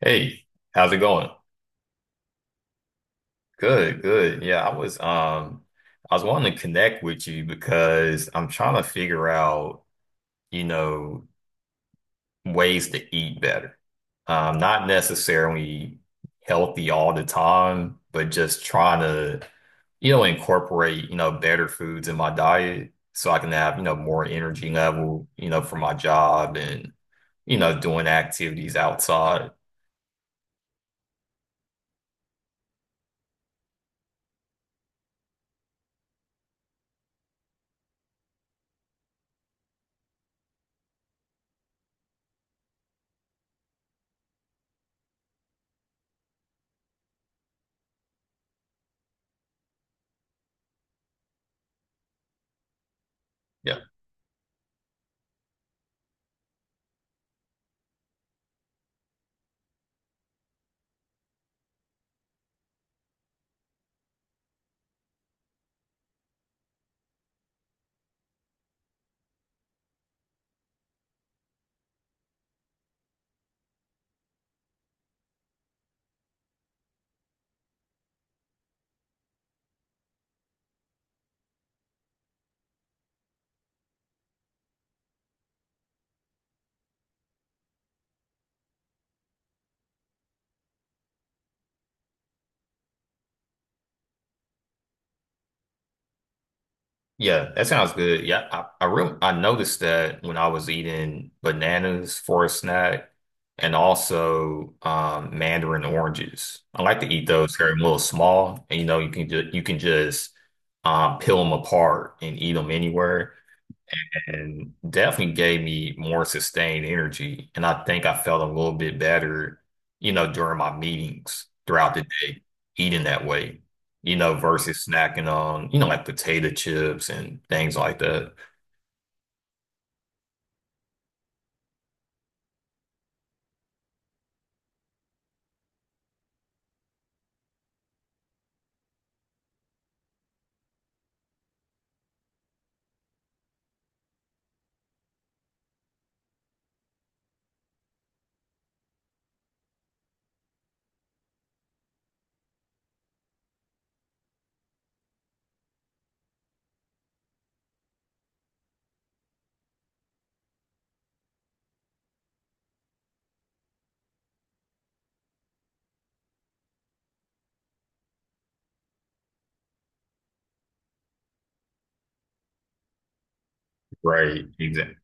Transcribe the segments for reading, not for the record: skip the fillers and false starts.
Hey, how's it going? Good, good. Yeah, I was wanting to connect with you because I'm trying to figure out, you know, ways to eat better. Not necessarily healthy all the time, but just trying to, incorporate, better foods in my diet so I can have, more energy level, for my job and, doing activities outside. Yeah. Yeah, that sounds good. Yeah, I really I noticed that when I was eating bananas for a snack, and also mandarin oranges. I like to eat those. They're a little small, and you know you can just peel them apart and eat them anywhere, and definitely gave me more sustained energy. And I think I felt a little bit better, during my meetings throughout the day, eating that way, versus snacking on, like potato chips and things like that. Right. Exactly.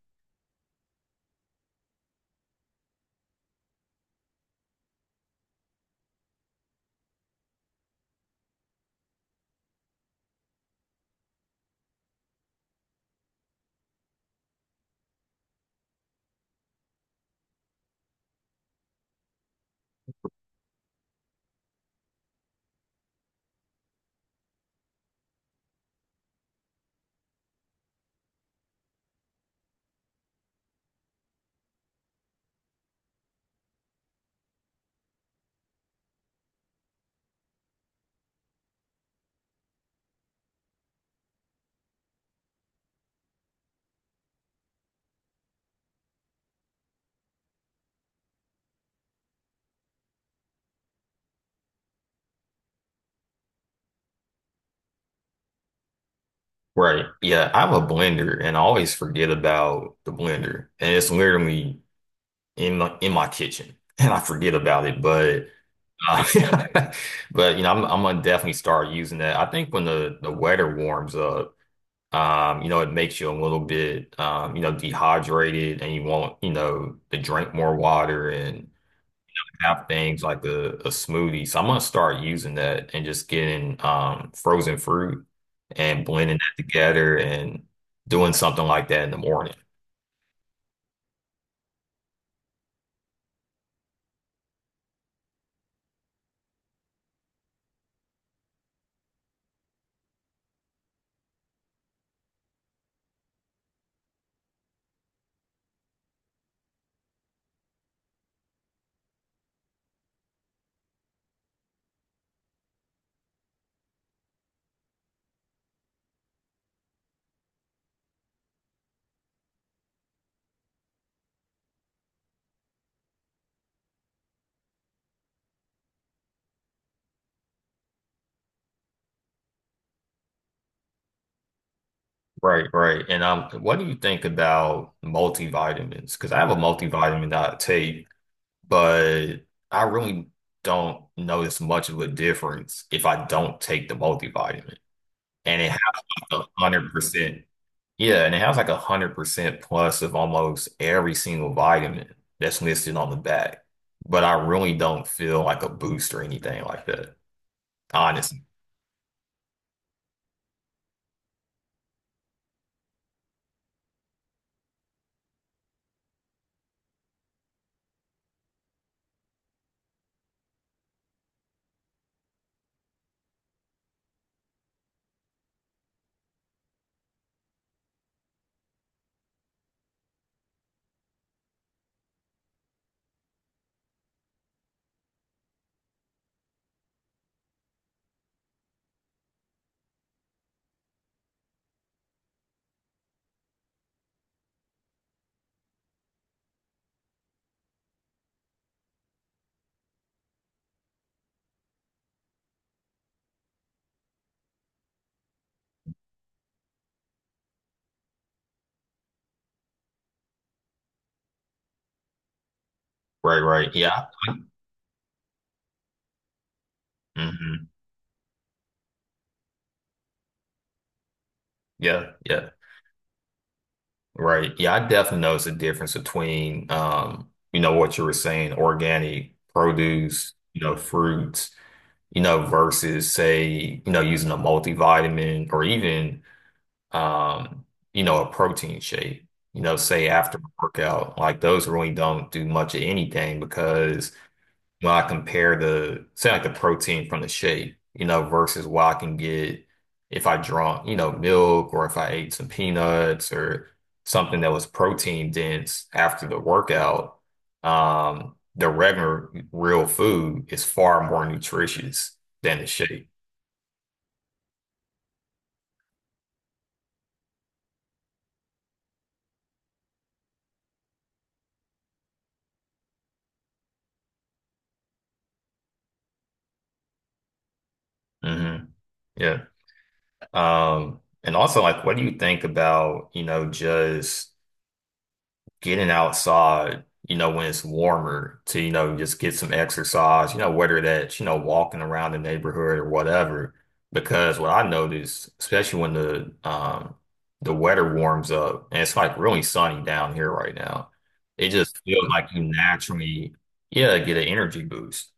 Right. Yeah. I have a blender, and I always forget about the blender. And it's literally in my kitchen and I forget about it. But uh, but I'm gonna definitely start using that. I think when the weather warms up. It makes you a little bit, dehydrated, and you want, to drink more water and have things like a smoothie. So I'm gonna start using that and just getting frozen fruit and blending that together and doing something like that in the morning. Right, right. And what do you think about multivitamins? Because I have a multivitamin that I take, but I really don't notice much of a difference if I don't take the multivitamin. And it. 100%. Yeah, and it has like 100% plus of almost every single vitamin that's listed on the back. But I really don't feel like a boost or anything like that. Honestly. Right, right. Yeah. Hmm. Yeah, yeah. Right. Yeah, I definitely notice a difference between what you were saying, organic produce, fruits, versus say, using a multivitamin, or even um, a protein shake, say after a workout. Like, those really don't do much of anything, because when I compare the, say like the protein from the shake, versus what I can get if I drunk, milk, or if I ate some peanuts or something that was protein dense after the workout, the regular real food is far more nutritious than the shake. Hmm. Yeah. And also, like, what do you think about, just getting outside, when it's warmer, to, just get some exercise, whether that's, walking around the neighborhood or whatever? Because what I noticed, especially when the weather warms up and it's like really sunny down here right now, it just feels like you naturally, yeah, get an energy boost.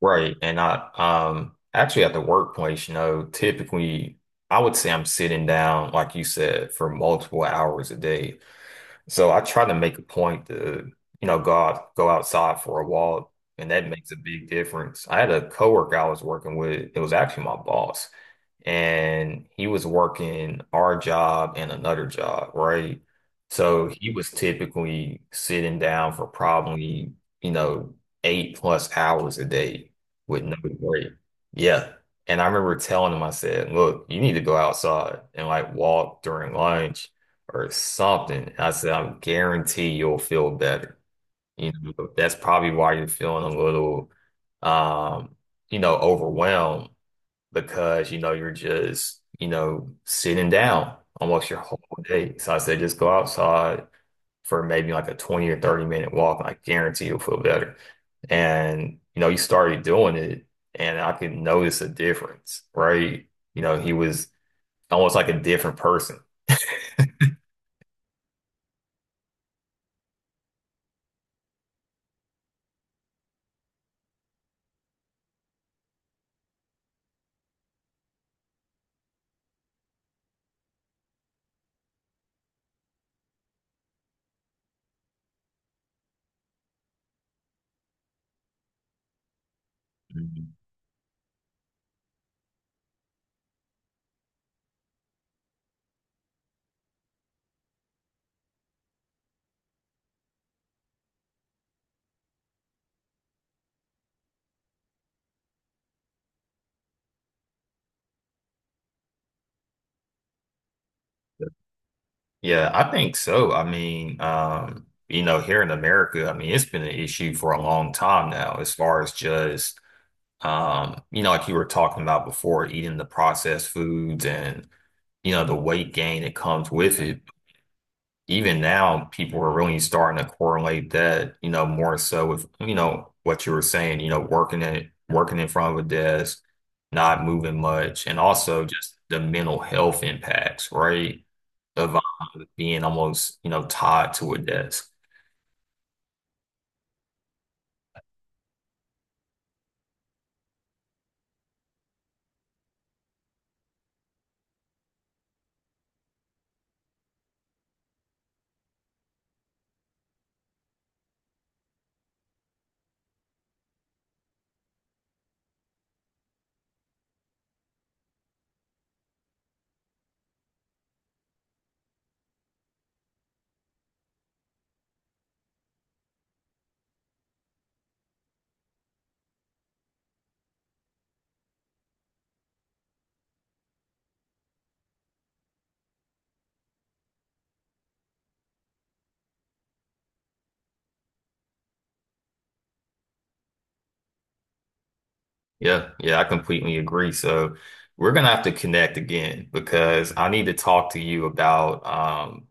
Right. And I actually at the workplace, typically I would say I'm sitting down, like you said, for multiple hours a day. So I try to make a point to, go outside for a walk, and that makes a big difference. I had a coworker I was working with; it was actually my boss, and he was working our job and another job, right? So he was typically sitting down for probably, you know, 8+ hours a day with no break. Yeah. And I remember telling him, I said, look, you need to go outside and like walk during lunch or something. I said, I guarantee you'll feel better. That's probably why you're feeling a little, um, overwhelmed, because you're just sitting down almost your whole day. So I said, just go outside for maybe like a 20 or 30-minute walk, and I guarantee you'll feel better. And he started doing it, and I could notice a difference, right? He was almost like a different person. Mhm. Yeah, I think so. I mean, here in America, I mean, it's been an issue for a long time now, as far as just like you were talking about before, eating the processed foods and, the weight gain that comes with it. Even now, people are really starting to correlate that, more so with, what you were saying, working in front of a desk, not moving much, and also just the mental health impacts, right? Of being almost, tied to a desk. Yeah, yeah, I completely agree. So we're gonna have to connect again because I need to talk to you about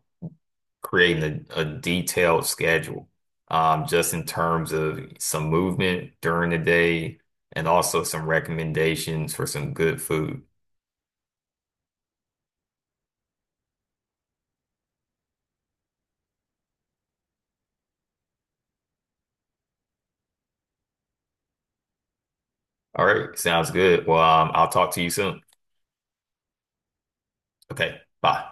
creating a detailed schedule, just in terms of some movement during the day and also some recommendations for some good food. All right, sounds good. Well, I'll talk to you soon. Okay, bye.